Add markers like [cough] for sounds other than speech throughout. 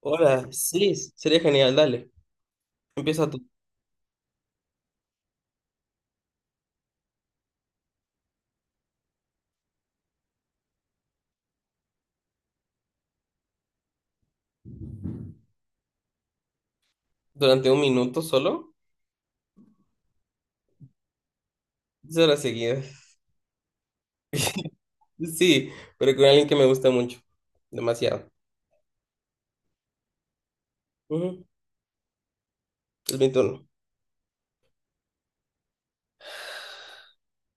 Hola, sí, sería genial, dale. Empieza tú durante un minuto solo, 10 horas seguidas. Sí, pero con alguien que me gusta mucho, demasiado. Ujú. Es mi turno.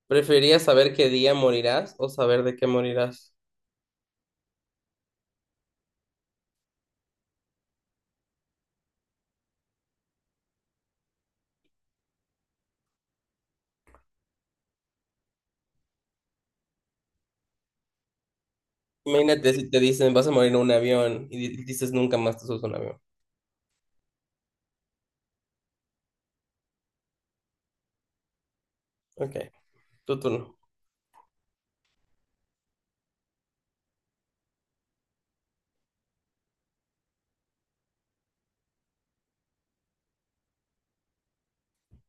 ¿Preferirías saber qué día morirás o saber de qué morirás? Imagínate si te dicen vas a morir en un avión y dices nunca más te subes a un avión. Ok, tu turno.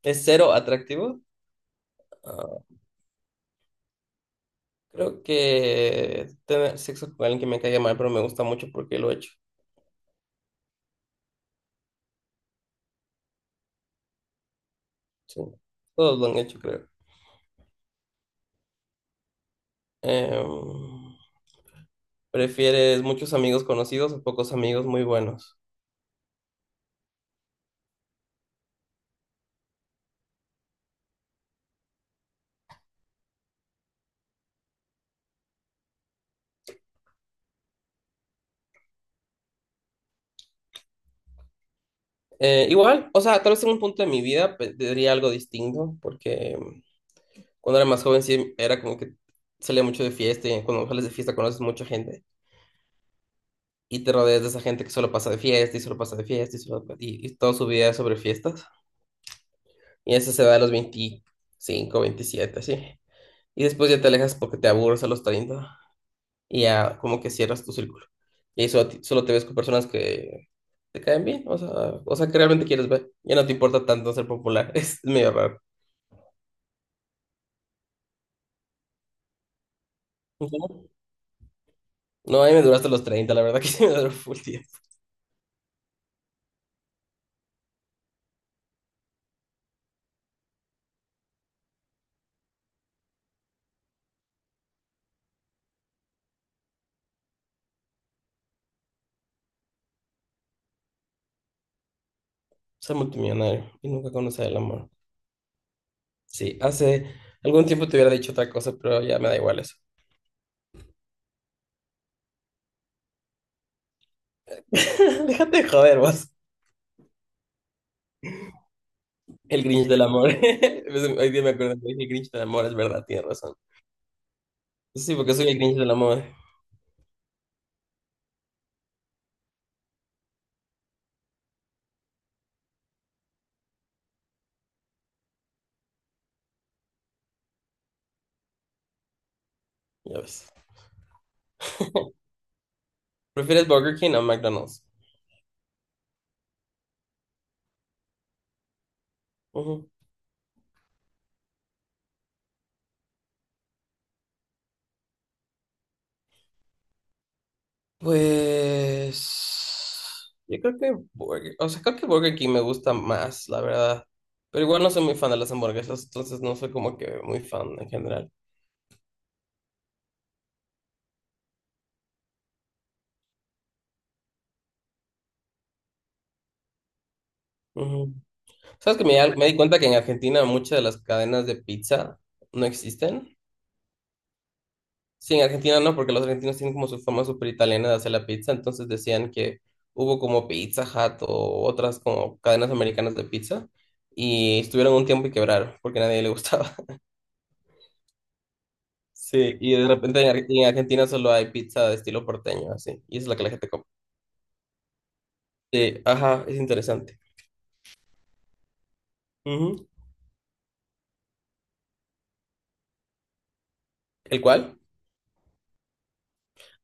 ¿Es cero atractivo? Ah, creo que tener sexo con alguien que me caiga mal, pero me gusta mucho porque lo he hecho. Sí, todos lo han hecho, creo. Em, ¿Prefieres muchos amigos conocidos o pocos amigos muy buenos? Igual, o sea, tal vez en un punto de mi vida diría algo distinto, porque cuando era más joven sí era como que salía mucho de fiesta y cuando sales de fiesta conoces mucha gente y te rodeas de esa gente que solo pasa de fiesta y solo pasa de fiesta y, solo, y toda su vida es sobre fiestas. Y eso se da a los 25 27 así. Y después ya te alejas porque te aburres a los 30 y ya como que cierras tu círculo. Y eso, solo te ves con personas que te caen bien, o sea que realmente quieres ver. Ya no te importa tanto ser popular, [laughs] es medio raro. Ujú. No, ahí me duraste los 30, la verdad que [laughs] sí me duró full tiempo. Ser multimillonario y nunca conocer el amor. Sí, hace algún tiempo te hubiera dicho otra cosa, pero ya me da igual eso. [laughs] Déjate de joder, vos. El Grinch del amor. [laughs] Hoy día me acuerdo que dije el Grinch del amor, es verdad, tienes razón. Sí, porque soy el Grinch del amor. Ya ves. ¿Prefieres Burger King o McDonald's? Ujú. Pues yo creo que Burger, o sea, creo que Burger King me gusta más, la verdad. Pero igual no soy muy fan de las hamburguesas, entonces no soy como que muy fan en general. Ujú. ¿Sabes que me di cuenta que en Argentina muchas de las cadenas de pizza no existen? Sí, en Argentina no, porque los argentinos tienen como su forma súper italiana de hacer la pizza, entonces decían que hubo como Pizza Hut o otras como cadenas americanas de pizza y estuvieron un tiempo y quebraron porque a nadie le gustaba. Sí, y de repente en Argentina solo hay pizza de estilo porteño, así, y es la que la gente come. Sí, ajá, es interesante. Ujú. ¿El cual?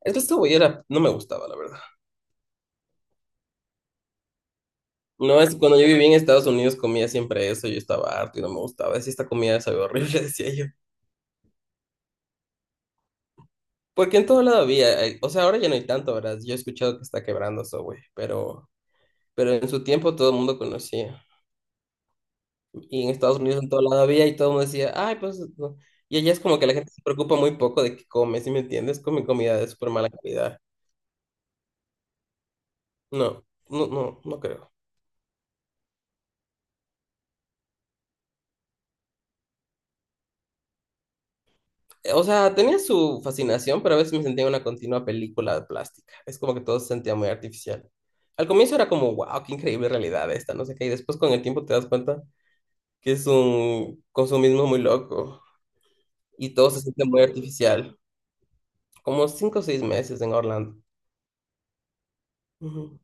Es que esta era, no me gustaba, la verdad. No, es cuando yo vivía en Estados Unidos comía siempre eso, yo estaba harto y no me gustaba. Decía, esta comida sabe horrible, [laughs] decía yo. Porque en todo lado había, o sea, ahora ya no hay tanto, ¿verdad? Yo he escuchado que está quebrando eso, güey, pero en su tiempo todo el mundo conocía. Y en Estados Unidos en todo lado había y todo el mundo decía, ay, pues no". Y allá es como que la gente se preocupa muy poco de qué come, ¿sí me entiendes? Come comida de súper mala calidad. No, no, no, no creo. O sea, tenía su fascinación, pero a veces me sentía en una continua película de plástica. Es como que todo se sentía muy artificial. Al comienzo era como, wow, qué increíble realidad esta, no sé qué. Y después con el tiempo te das cuenta que es un consumismo muy loco y todo se siente muy artificial. Como 5 o 6 meses en Orlando. Ujú.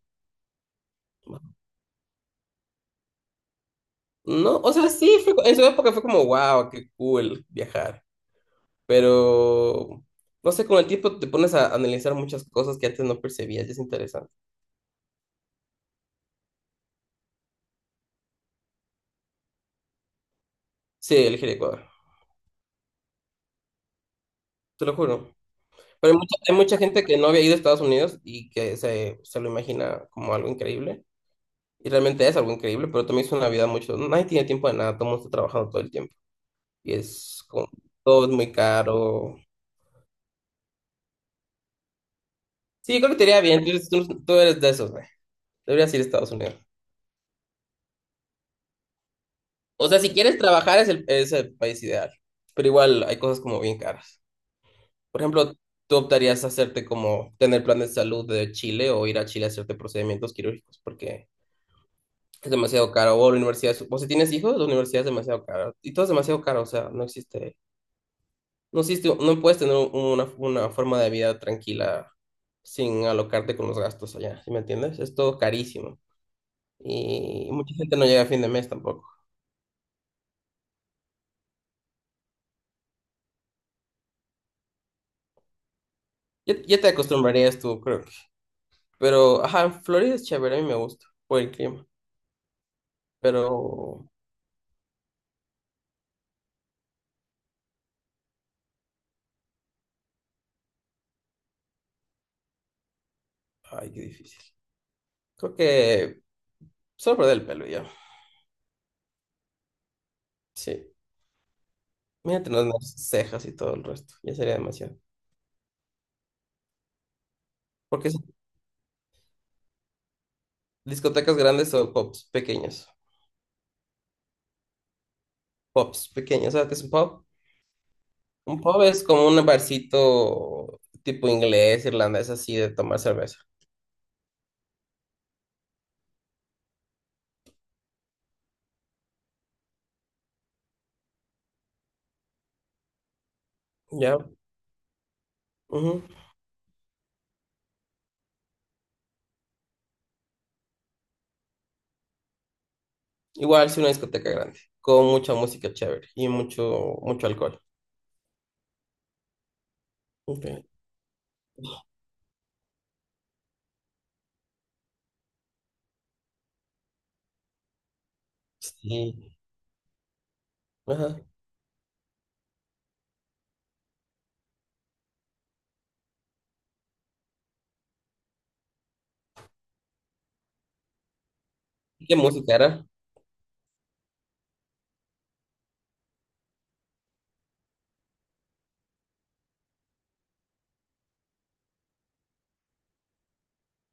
No, o sea, sí, fue, en su época fue como, wow, qué cool viajar. Pero, no sé, con el tiempo te pones a analizar muchas cosas que antes no percibías y es interesante. Sí, elegir Ecuador, te lo juro. Pero hay mucha gente que no había ido a Estados Unidos y que se lo imagina como algo increíble. Y realmente es algo increíble, pero también es una vida mucho. Nadie tiene tiempo de nada, todo el mundo está trabajando todo el tiempo. Y es como, todo es muy caro. Sí, creo que te iría bien, tú, tú eres de esos, güey. Deberías ir a Estados Unidos. O sea, si quieres trabajar es el país ideal, pero igual hay cosas como bien caras. Por ejemplo, ¿tú optarías hacerte como tener plan de salud de Chile o ir a Chile a hacerte procedimientos quirúrgicos porque es demasiado caro? O la universidad, o si tienes hijos, la universidad es demasiado cara. Y todo es demasiado caro, o sea, no existe, no puedes tener una forma de vida tranquila sin alocarte con los gastos allá, ¿sí me entiendes? Es todo carísimo y mucha gente no llega a fin de mes tampoco. Ya, ya te acostumbrarías tú, creo que. Pero, ajá, Florida es chévere, a mí me gusta por el clima. Pero, ay, qué difícil. Creo que solo perder el pelo y ya. Sí. Mírate tener las cejas y todo el resto. Ya sería demasiado. Porque son discotecas grandes o pubs pequeños. Pubs pequeños, ¿sabes qué es un pub? Un pub es como un barcito tipo inglés, irlandés, así de tomar cerveza. Ya. Ujú. Igual si una discoteca grande, con mucha música chévere y mucho, mucho alcohol. Ok. Sí. Ajá. ¿Y qué música era?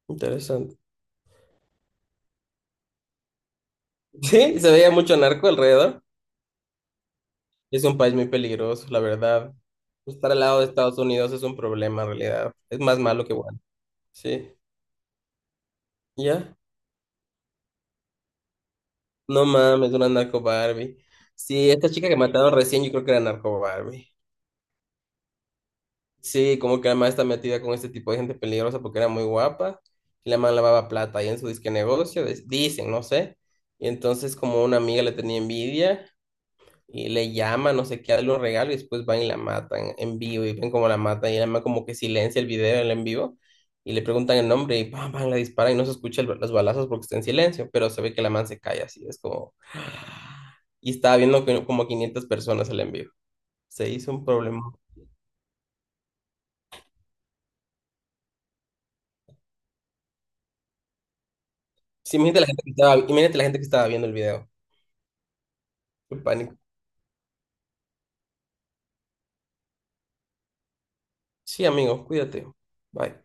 Interesante. [laughs] Sí, se veía mucho narco alrededor. Es un país muy peligroso, la verdad. Estar al lado de Estados Unidos es un problema, en realidad. Es más malo que bueno. Sí, ya. No mames, una narco Barbie. Sí, esta chica que mataron recién, yo creo que era narco Barbie. Sí, como que además está metida con este tipo de gente peligrosa porque era muy guapa. Y la man lavaba plata ahí en su disque negocio, dicen, no sé. Y entonces, como una amiga le tenía envidia. Y le llama, no sé qué, a los regalos y después van y la matan en vivo y ven cómo la matan y la mamá como que silencia el video el en vivo y le preguntan el nombre y pam, pam, la disparan y no se escucha los balazos porque está en silencio, pero se ve que la man se cae así, es como. Y estaba viendo que como 500 personas el en vivo. Se hizo un problema. Sí, imagínate la gente que estaba, imagínate la gente que estaba viendo el video. Qué pánico. Sí, amigo, cuídate. Bye.